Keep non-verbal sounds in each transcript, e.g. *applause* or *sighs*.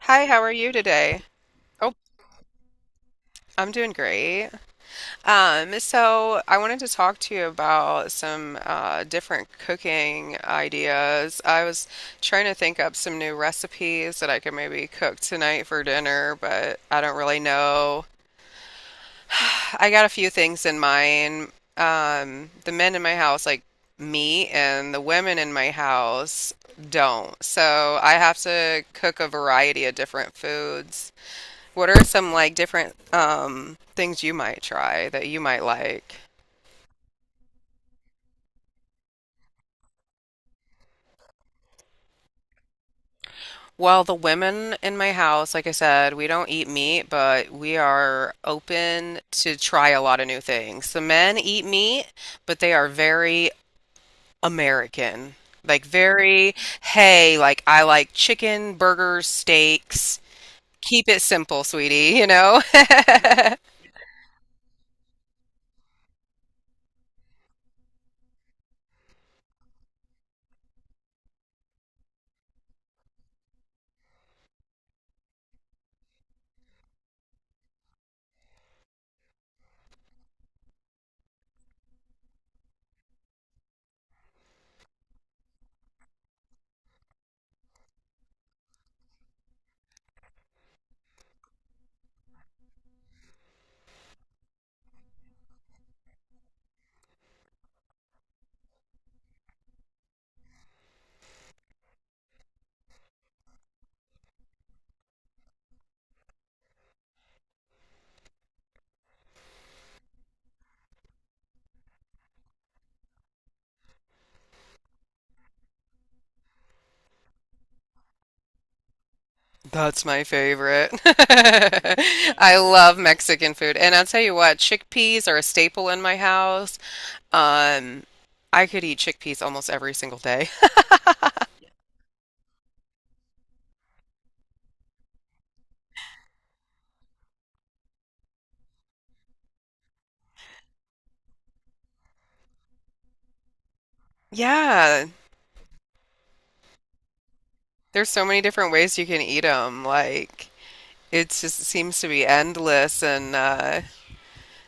Hi, how are you today? Oh, I'm doing great. So I wanted to talk to you about some different cooking ideas. I was trying to think up some new recipes that I could maybe cook tonight for dinner, but I don't really know. *sighs* I got a few things in mind. The men in my house like meat, and the women in my house don't. So I have to cook a variety of different foods. What are some like different things you might try that you might like? Well, the women in my house, like I said, we don't eat meat, but we are open to try a lot of new things. The men eat meat, but they are very American. Like very, hey, like I like chicken, burgers, steaks. Keep it simple, sweetie, you know? *laughs* That's my favorite. *laughs* I love Mexican food. And I'll tell you what, chickpeas are a staple in my house. Um, I could eat chickpeas almost every single day. *laughs* Yeah, there's so many different ways you can eat them. Like, it just seems to be endless. And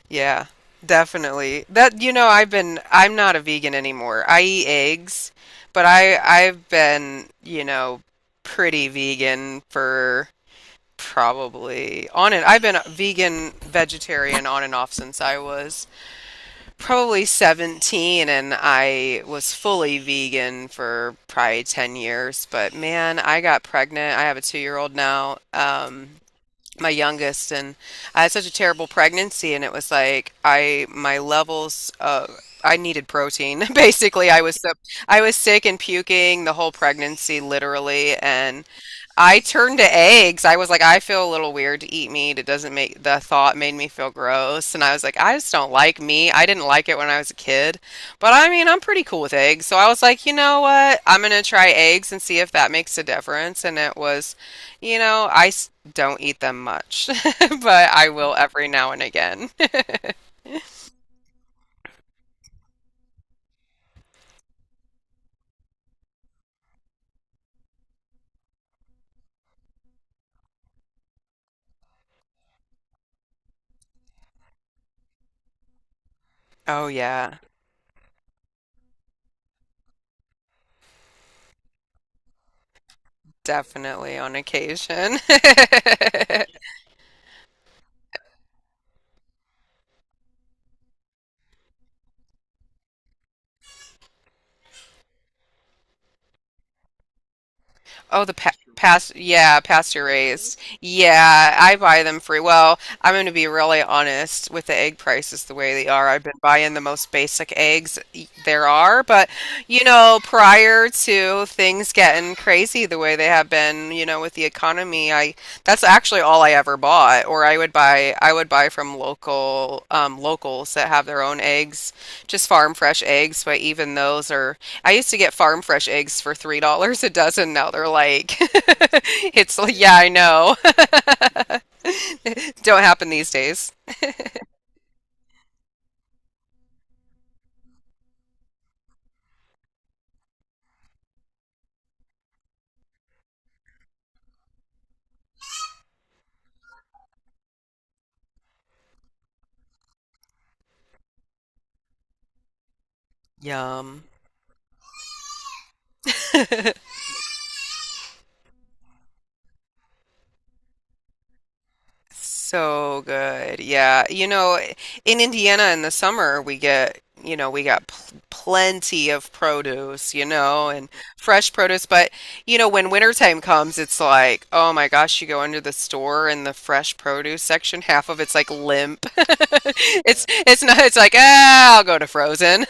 yeah, definitely. That, you know, I'm not a vegan anymore. I eat eggs, but I've been, you know, pretty vegan for probably on and I've been a vegetarian on and off since I was probably 17 and I was fully vegan for probably 10 years, but man, I got pregnant. I have a 2-year-old now. My youngest and I had such a terrible pregnancy and it was like I my levels I needed protein. *laughs* Basically, I was sick and puking the whole pregnancy literally and I turned to eggs. I was like, I feel a little weird to eat meat. It doesn't make the thought made me feel gross. And I was like, I just don't like meat. I didn't like it when I was a kid. But I mean, I'm pretty cool with eggs. So I was like, you know what? I'm going to try eggs and see if that makes a difference. And it was, you know, don't eat them much, *laughs* but I will every now and again. *laughs* Oh, yeah, definitely on occasion. *laughs* Oh, the yeah, pasture raised. Yeah, I buy them free. Well, I'm going to be really honest with the egg prices the way they are. I've been buying the most basic eggs there are, but you know, prior to things getting crazy the way they have been, you know, with the economy, I that's actually all I ever bought, or I would buy from local locals that have their own eggs, just farm fresh eggs, but even those are I used to get farm fresh eggs for $3 a dozen. Now they're like, *laughs* it's like, yeah, I know. *laughs* Don't happen these days. Yum. *laughs* So good. Yeah. You know, in Indiana in the summer, we get, you know, we got pl plenty of produce, you know, and fresh produce. But, you know, when wintertime comes, it's like, oh my gosh, you go under the store and the fresh produce section, half of it's like limp. *laughs* It's not, it's like, ah, I'll go to frozen,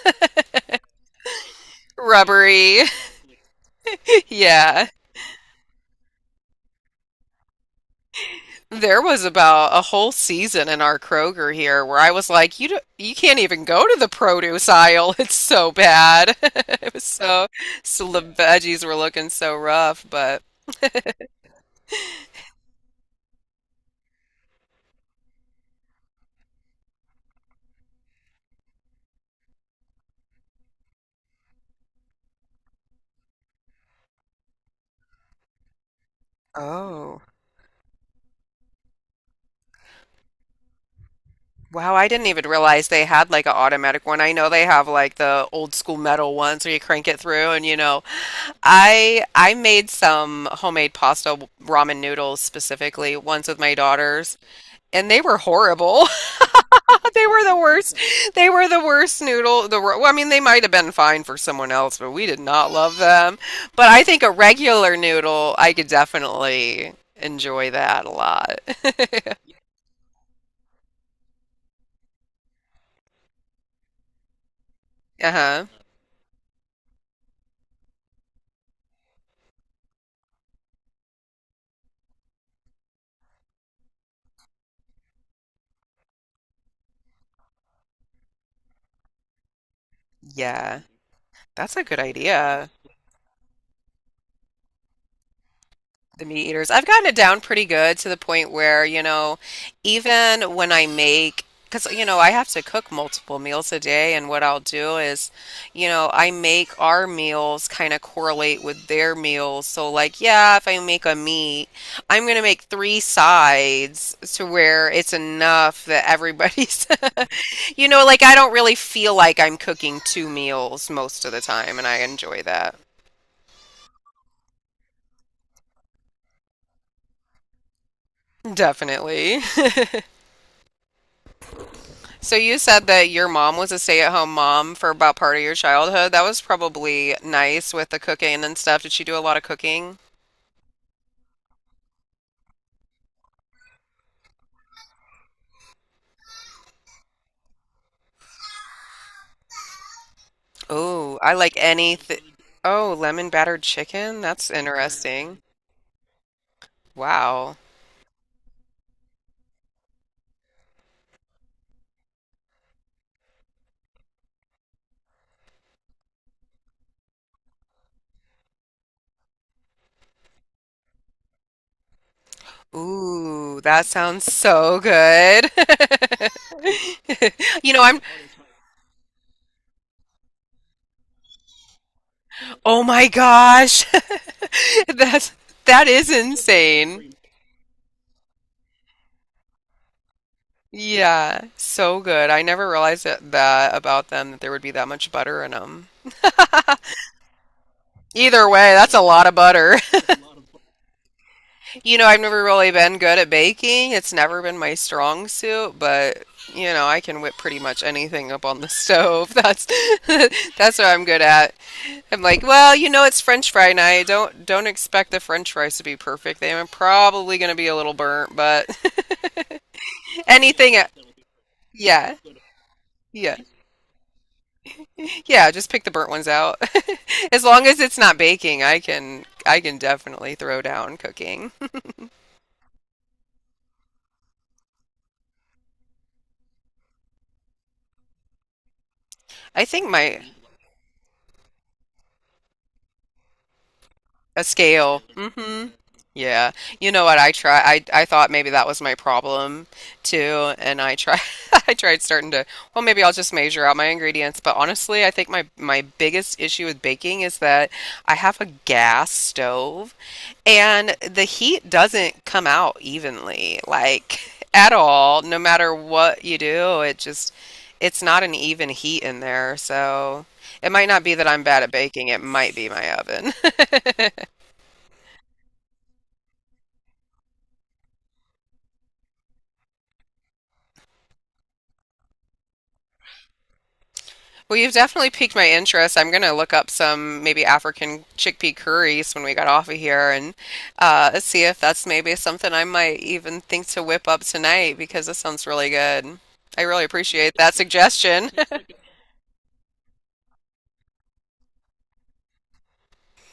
*laughs* rubbery. *laughs* Yeah. There was about a whole season in our Kroger here where I was like, you can't even go to the produce aisle. *laughs* It's so bad. *laughs* It was so, so the veggies were looking so rough, but oh. Wow, I didn't even realize they had like an automatic one. I know they have like the old school metal ones where you crank it through and you know, I made some homemade pasta ramen noodles specifically once with my daughters and they were horrible. *laughs* *laughs* They were the worst. They were the worst noodle. The Well, I mean, they might have been fine for someone else, but we did not love them. But I think a regular noodle, I could definitely enjoy that a lot. *laughs* Huh. Yeah, that's a good idea. The meat eaters. I've gotten it down pretty good to the point where, you know, even when I make, because, you know, I have to cook multiple meals a day, and what I'll do is, you know, I make our meals kind of correlate with their meals. So, like, yeah, if I make a meat, I'm going to make three sides to where it's enough that everybody's, *laughs* you know, like, I don't really feel like I'm cooking two meals most of the time, and I enjoy that. Definitely. So you said that your mom was a stay-at-home mom for about part of your childhood. That was probably nice with the cooking and stuff. Did she do a lot of cooking? Oh, I like anything. Oh, lemon battered chicken? That's interesting. Wow. Ooh, that sounds so good. *laughs* You know, I'm, oh my gosh. *laughs* That's that is insane. Yeah, so good. I never realized that about them that there would be that much butter in them. Either way, that's a lot of butter. *laughs* You know, I've never really been good at baking. It's never been my strong suit, but you know, I can whip pretty much anything up on the stove. That's *laughs* that's what I'm good at. I'm like, well, you know, it's French fry night. Don't expect the French fries to be perfect. They're probably going to be a little burnt, but *laughs* anything, yeah, yeah, yeah. Just pick the burnt ones out. *laughs* As long as it's not baking, I can definitely throw down cooking. I think my A scale. Yeah. You know what? I thought maybe that was my problem too, and I try *laughs* I tried starting to, well, maybe I'll just measure out my ingredients, but honestly, I think my biggest issue with baking is that I have a gas stove and the heat doesn't come out evenly, like *laughs* at all, no matter what you do. It's not an even heat in there, so it might not be that I'm bad at baking, it might be my oven. *laughs* Well, you've definitely piqued my interest. I'm going to look up some maybe African chickpea curries when we get off of here and see if that's maybe something I might even think to whip up tonight because this sounds really good. I really appreciate that suggestion. *laughs*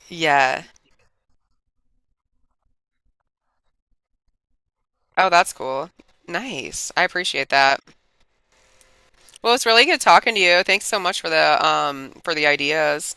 Yeah. Oh, that's cool. Nice. I appreciate that. Well, it's really good talking to you. Thanks so much for the ideas.